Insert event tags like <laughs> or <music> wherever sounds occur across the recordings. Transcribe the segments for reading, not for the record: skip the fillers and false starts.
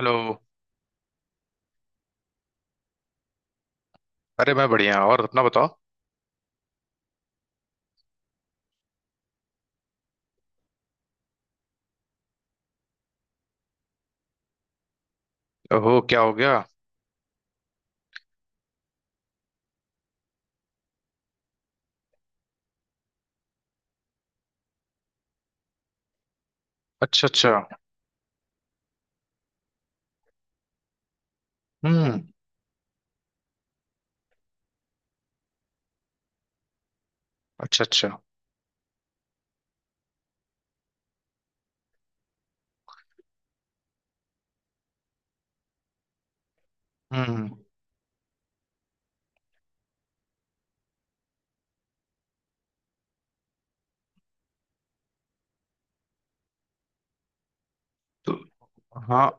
Hello. अरे, मैं बढ़िया। और अपना बताओ? ओहो, क्या हो गया? अच्छा, अच्छा। हम्म। अच्छा, अच्छा। हम्म। तो। हाँ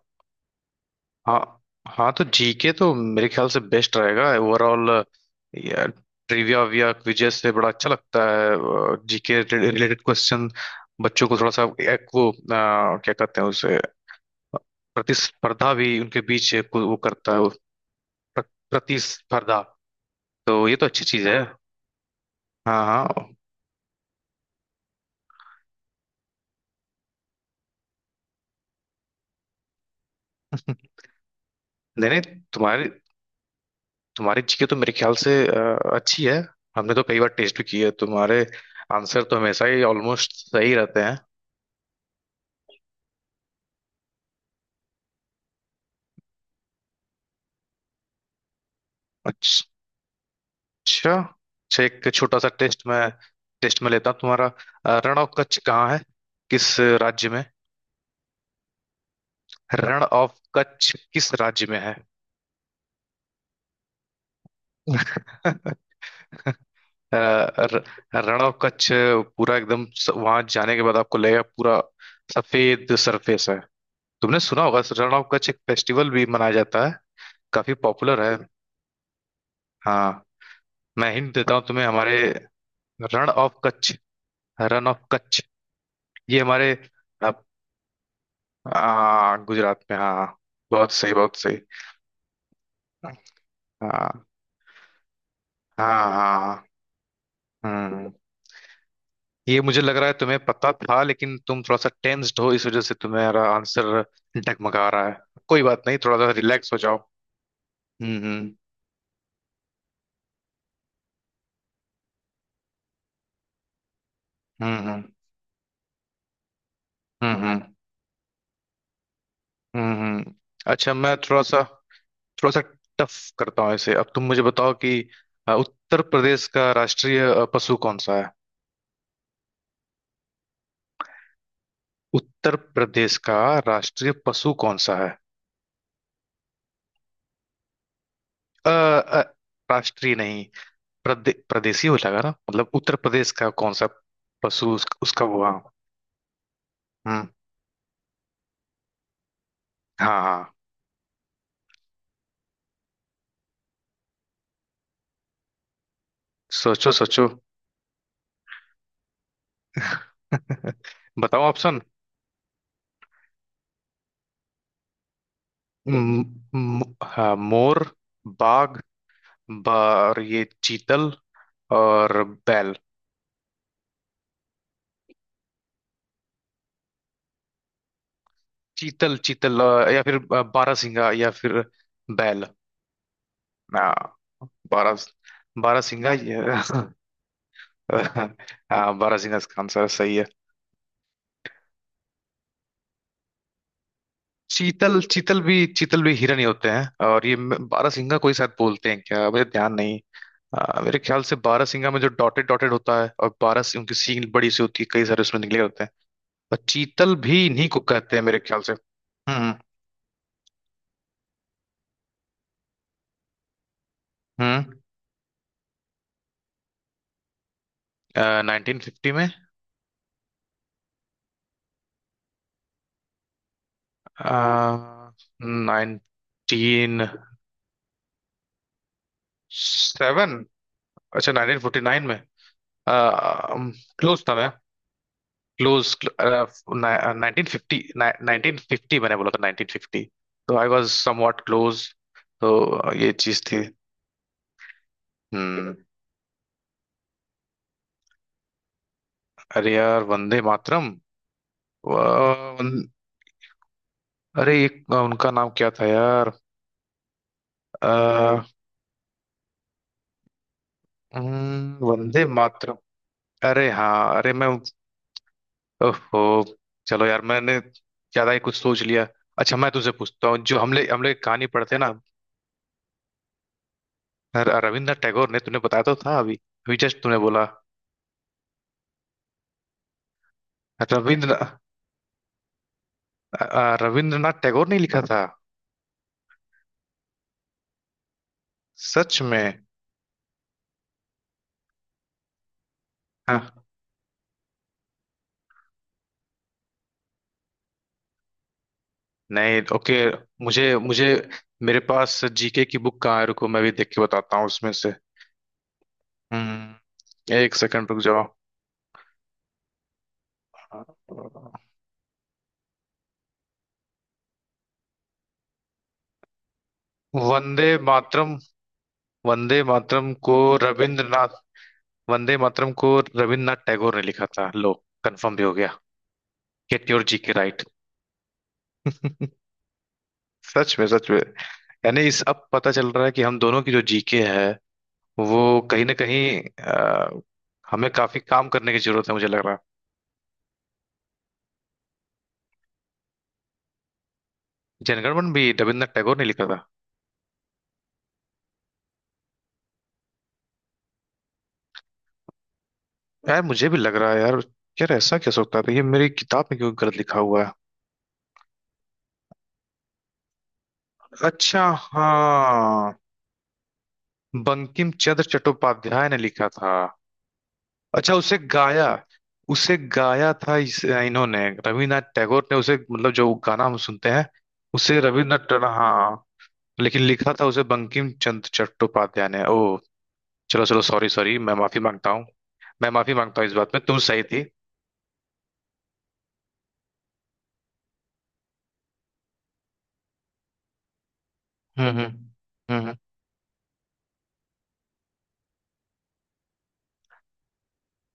हाँ। हाँ, तो जीके तो मेरे ख्याल से बेस्ट रहेगा ओवरऑल। यार, ट्रिविया विया क्विजेस से बड़ा अच्छा लगता है जीके रिलेटेड क्वेश्चन बच्चों को थोड़ा सा। एक वो क्या कहते हैं उसे? प्रतिस्पर्धा भी उनके बीच एक वो करता है वो। प्र- प्रतिस्पर्धा। तो ये तो अच्छी चीज है। हाँ, हाँ। <laughs> नहीं, नहीं, तुम्हारी तुम्हारी जीके तो मेरे ख्याल से अच्छी है। हमने तो कई बार टेस्ट भी की है, तुम्हारे आंसर तो हमेशा ही ऑलमोस्ट सही रहते हैं। अच्छा। अच्छा, एक छोटा सा टेस्ट में लेता हूँ तुम्हारा। रण ऑफ कच्छ कहाँ है? किस राज्य में? रण ऑफ कच्छ किस राज्य में है? <laughs> अ, र- रण ऑफ कच्छ पूरा एकदम। वहां जाने के बाद आपको लगेगा पूरा सफेद सरफेस है। तुमने सुना होगा, रण ऑफ कच्छ एक फेस्टिवल भी मनाया जाता है। काफी पॉपुलर है। हाँ। मैं हिंट देता हूँ तुम्हें हमारे। रण ऑफ कच्छ, रन ऑफ कच्छ, ये हमारे। अब, गुजरात में, हाँ। बहुत सही, बहुत सही। हाँ, हाँ। हाँ। हम्म। ये मुझे लग रहा है तुम्हें पता था, लेकिन तुम थोड़ा सा टेंस्ड हो, इस वजह से तुम्हारा आंसर डगमगा रहा है। कोई बात नहीं, थोड़ा सा रिलैक्स हो जाओ। हम्म, हम्म, हम्म। हम्म, हम्म, हम्म। अच्छा, मैं थोड़ा सा टफ करता हूँ इसे। अब तुम मुझे बताओ कि उत्तर प्रदेश का राष्ट्रीय पशु कौन सा है? उत्तर प्रदेश का राष्ट्रीय पशु कौन सा है? अ, अ, राष्ट्रीय नहीं, प्रदेशी हो जाएगा ना, मतलब उत्तर प्रदेश का कौन सा पशु उसका वो, हाँ। हम्म। हाँ, हाँ। सोचो, सोचो। <laughs> बताओ ऑप्शन। म- हाँ, मोर, बाघ, और ये चीतल, और बैल। चीतल, चीतल, या फिर बारहसिंगा, या फिर बैल, ना। बारह बारहसिंगा, ये। <laughs> <laughs> हाँ, बारहसिंगा इसका आंसर है, सही है। चीतल, चीतल भी हिरण ही होते हैं, और ये बारहसिंगा कोई शायद बोलते हैं क्या, मुझे ध्यान नहीं। मेरे ख्याल से बारहसिंगा में जो डॉटेड डॉटेड होता है, और बारह सिंह उनकी सींग बड़ी सी होती है, कई सारे उसमें निकले होते हैं। और चीतल भी इन्हीं को कहते हैं, मेरे ख्याल से। हम्म। हम्म। नाइनटीन फिफ्टी में। Nineteen seven. अच्छा, नाइनटीन फोर्टी नाइन में। क्लोज था मैं। Close. Nineteen fifty, nineteen fifty मैंने बोला था, नाइनटीन फिफ्टी। तो आई वॉज समवॉट क्लोज। तो ये चीज थी। हम्म। अरे यार, वंदे मातरम। वा- वन- अरे, एक उनका नाम क्या था यार? अ, वंदे मातरम। अरे हाँ, अरे मैं, ओहो। चलो यार, मैंने ज्यादा ही कुछ सोच लिया। अच्छा, मैं तुझसे पूछता हूँ, जो हमले हमले कहानी पढ़ते हैं ना। रविंद्रनाथ टैगोर ने, तूने बताया तो था अभी। अभी जस्ट तूने बोला रविंद्र। रविंद्रनाथ टैगोर ने लिखा था। सच में? हाँ। नहीं, ओके। मुझे मुझे मेरे पास जीके की बुक कहाँ है? रुको, मैं भी देख के बताता हूँ उसमें से। एक सेकंड रुक जाओ। वंदे मातरम, वंदे मातरम को रविंद्रनाथ, वंदे मातरम को रविंद्रनाथ टैगोर ने लिखा था, लो। कंफर्म भी हो गया। Get your GK right. <laughs> सच में, सच में। यानी इस अब पता चल रहा है कि हम दोनों की जो जीके है, वो कहीं ना कहीं हमें काफी काम करने की जरूरत है, मुझे लग रहा है। जनगणमन भी रविन्द्रनाथ टैगोर ने लिखा था। यार, मुझे भी लग रहा है यार। यार, ऐसा क्या सकता था, ये मेरी किताब में क्यों गलत लिखा हुआ है? अच्छा, हाँ, बंकिम चंद्र चट्टोपाध्याय ने लिखा था। अच्छा, उसे गाया, उसे गाया था इन्होंने, रविन्द्रनाथ टैगोर ने उसे, मतलब जो गाना हम सुनते हैं, उसे रविन्द्रनाथ, हाँ। लेकिन लिखा था उसे बंकिम चंद्र चट्टोपाध्याय ने, ओ। चलो, चलो, सॉरी, सॉरी, मैं माफी मांगता हूँ। मैं माफी मांगता हूँ, इस बात में तू सही थी। हम्म, हम्म, हम्म,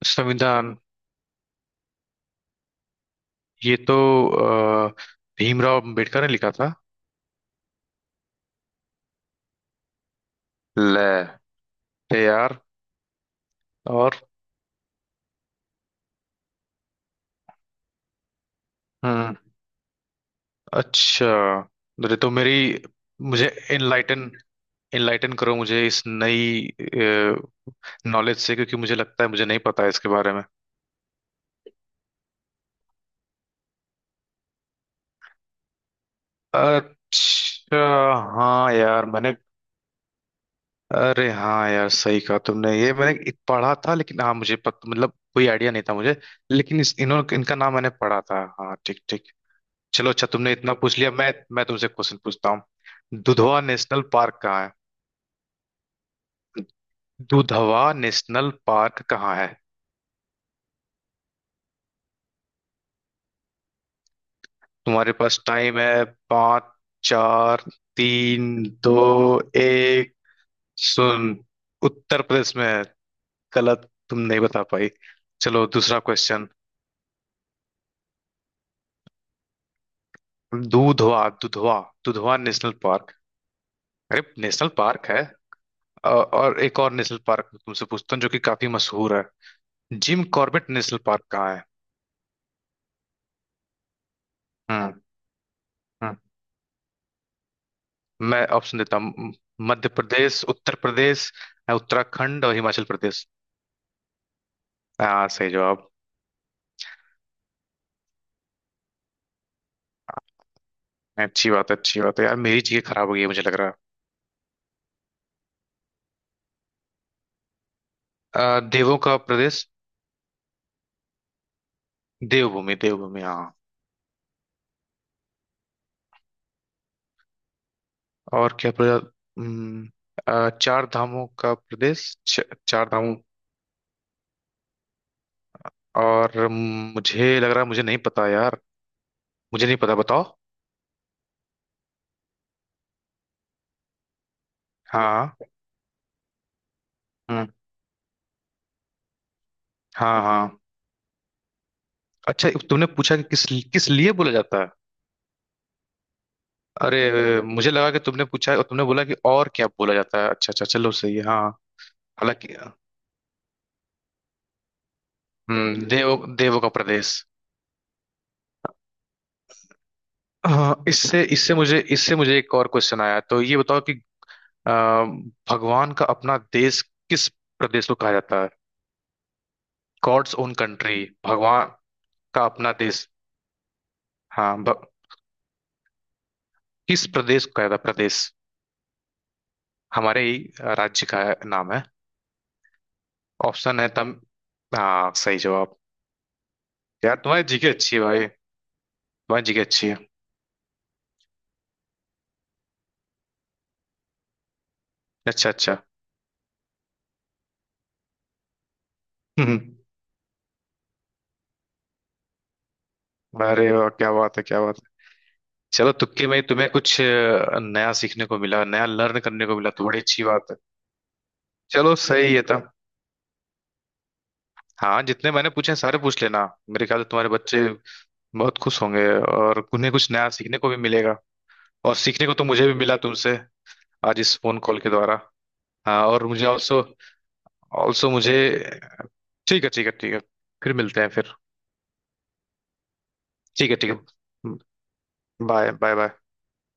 संविधान? ये तो अ, भीमराव अंबेडकर ने लिखा था। ले, ले यार। और, हम्म। अच्छा, अरे तो मेरी, मुझे इनलाइटन इनलाइटन करो मुझे इस नई नॉलेज से, क्योंकि मुझे लगता है मुझे नहीं पता है इसके बारे में। अच्छा, हाँ यार, मैंने, अरे हाँ यार, सही कहा तुमने, ये मैंने एक पढ़ा था, लेकिन हाँ मुझे मतलब कोई आइडिया नहीं था मुझे। लेकिन इस इन्होंने इनका नाम मैंने पढ़ा था, हाँ, ठीक, ठीक। चलो, अच्छा, तुमने इतना पूछ लिया, मैं तुमसे क्वेश्चन पूछता हूँ। दुधवा नेशनल पार्क कहाँ है? दुधवा नेशनल पार्क कहाँ है? तुम्हारे पास टाइम है। पाँच, चार, तीन, दो, एक। सुन, उत्तर प्रदेश में है। गलत, तुम नहीं बता पाई। चलो, दूसरा question. Dudhwa, Dudhwa, Dudhwa national park. अरे, नेशनल पार्क है। अ- और एक और नेशनल पार्क मैं तुमसे पूछता हूँ जो कि काफी मशहूर है। जिम कॉर्बेट नेशनल पार्क कहाँ है? हम्म। हम्म। मैं ऑप्शन देता हूँ, मध्य प्रदेश, उत्तर प्रदेश, उत्तराखंड और हिमाचल प्रदेश। हाँ, सही जवाब। अच्छी बात है, अच्छी बात है यार, मेरी चीजें खराब हो गई है, मुझे लग रहा है। देवों का प्रदेश। देवभूमि, देवभूमि, हाँ। और क्या प्रदेश? चार धामों का प्रदेश, चार धामों। और मुझे लग रहा है मुझे नहीं पता यार, मुझे नहीं पता, बताओ। हाँ। हम्म। हाँ, हाँ। अच्छा, तुमने पूछा कि किस किस लिए बोला जाता है। अरे, मुझे लगा कि तुमने पूछा और तुमने बोला कि और क्या बोला जाता है। अच्छा, अच्छा, चलो, सही है, हाँ। हालांकि, देवों का प्रदेश, हाँ। इससे इससे मुझे एक और क्वेश्चन आया, तो ये बताओ कि अ, भगवान का अपना देश किस प्रदेश को कहा जाता है? गॉड्स ओन कंट्री, भगवान का अपना देश। हाँ, किस प्रदेश को कहा जाता है प्रदेश, हमारे ही राज्य का नाम है। ऑप्शन है तम हाँ, सही जवाब। यार, तुम्हारी जीके अच्छी है भाई, तुम्हारी जीके अच्छी है। अच्छा, अच्छा। हम्म। हम्म। अरे वाह, क्या बात है, क्या बात है। चलो, तुक्के में तुम्हें कुछ नया सीखने को मिला, नया लर्न करने को मिला, तो बड़ी अच्छी बात है। चलो, सही है तब। हाँ, जितने मैंने पूछे हैं, सारे पूछ लेना। मेरे ख्याल से तुम्हारे बच्चे बहुत खुश होंगे, और उन्हें कुछ नया सीखने को भी मिलेगा। और सीखने को तो मुझे भी मिला तुमसे, आज इस फोन कॉल के द्वारा। हाँ, और मुझे ऑल्सो, ऑल्सो मुझे, ठीक है, ठीक है, ठीक है। फिर मिलते हैं फिर। ठीक है, ठीक है। Bye, bye, bye.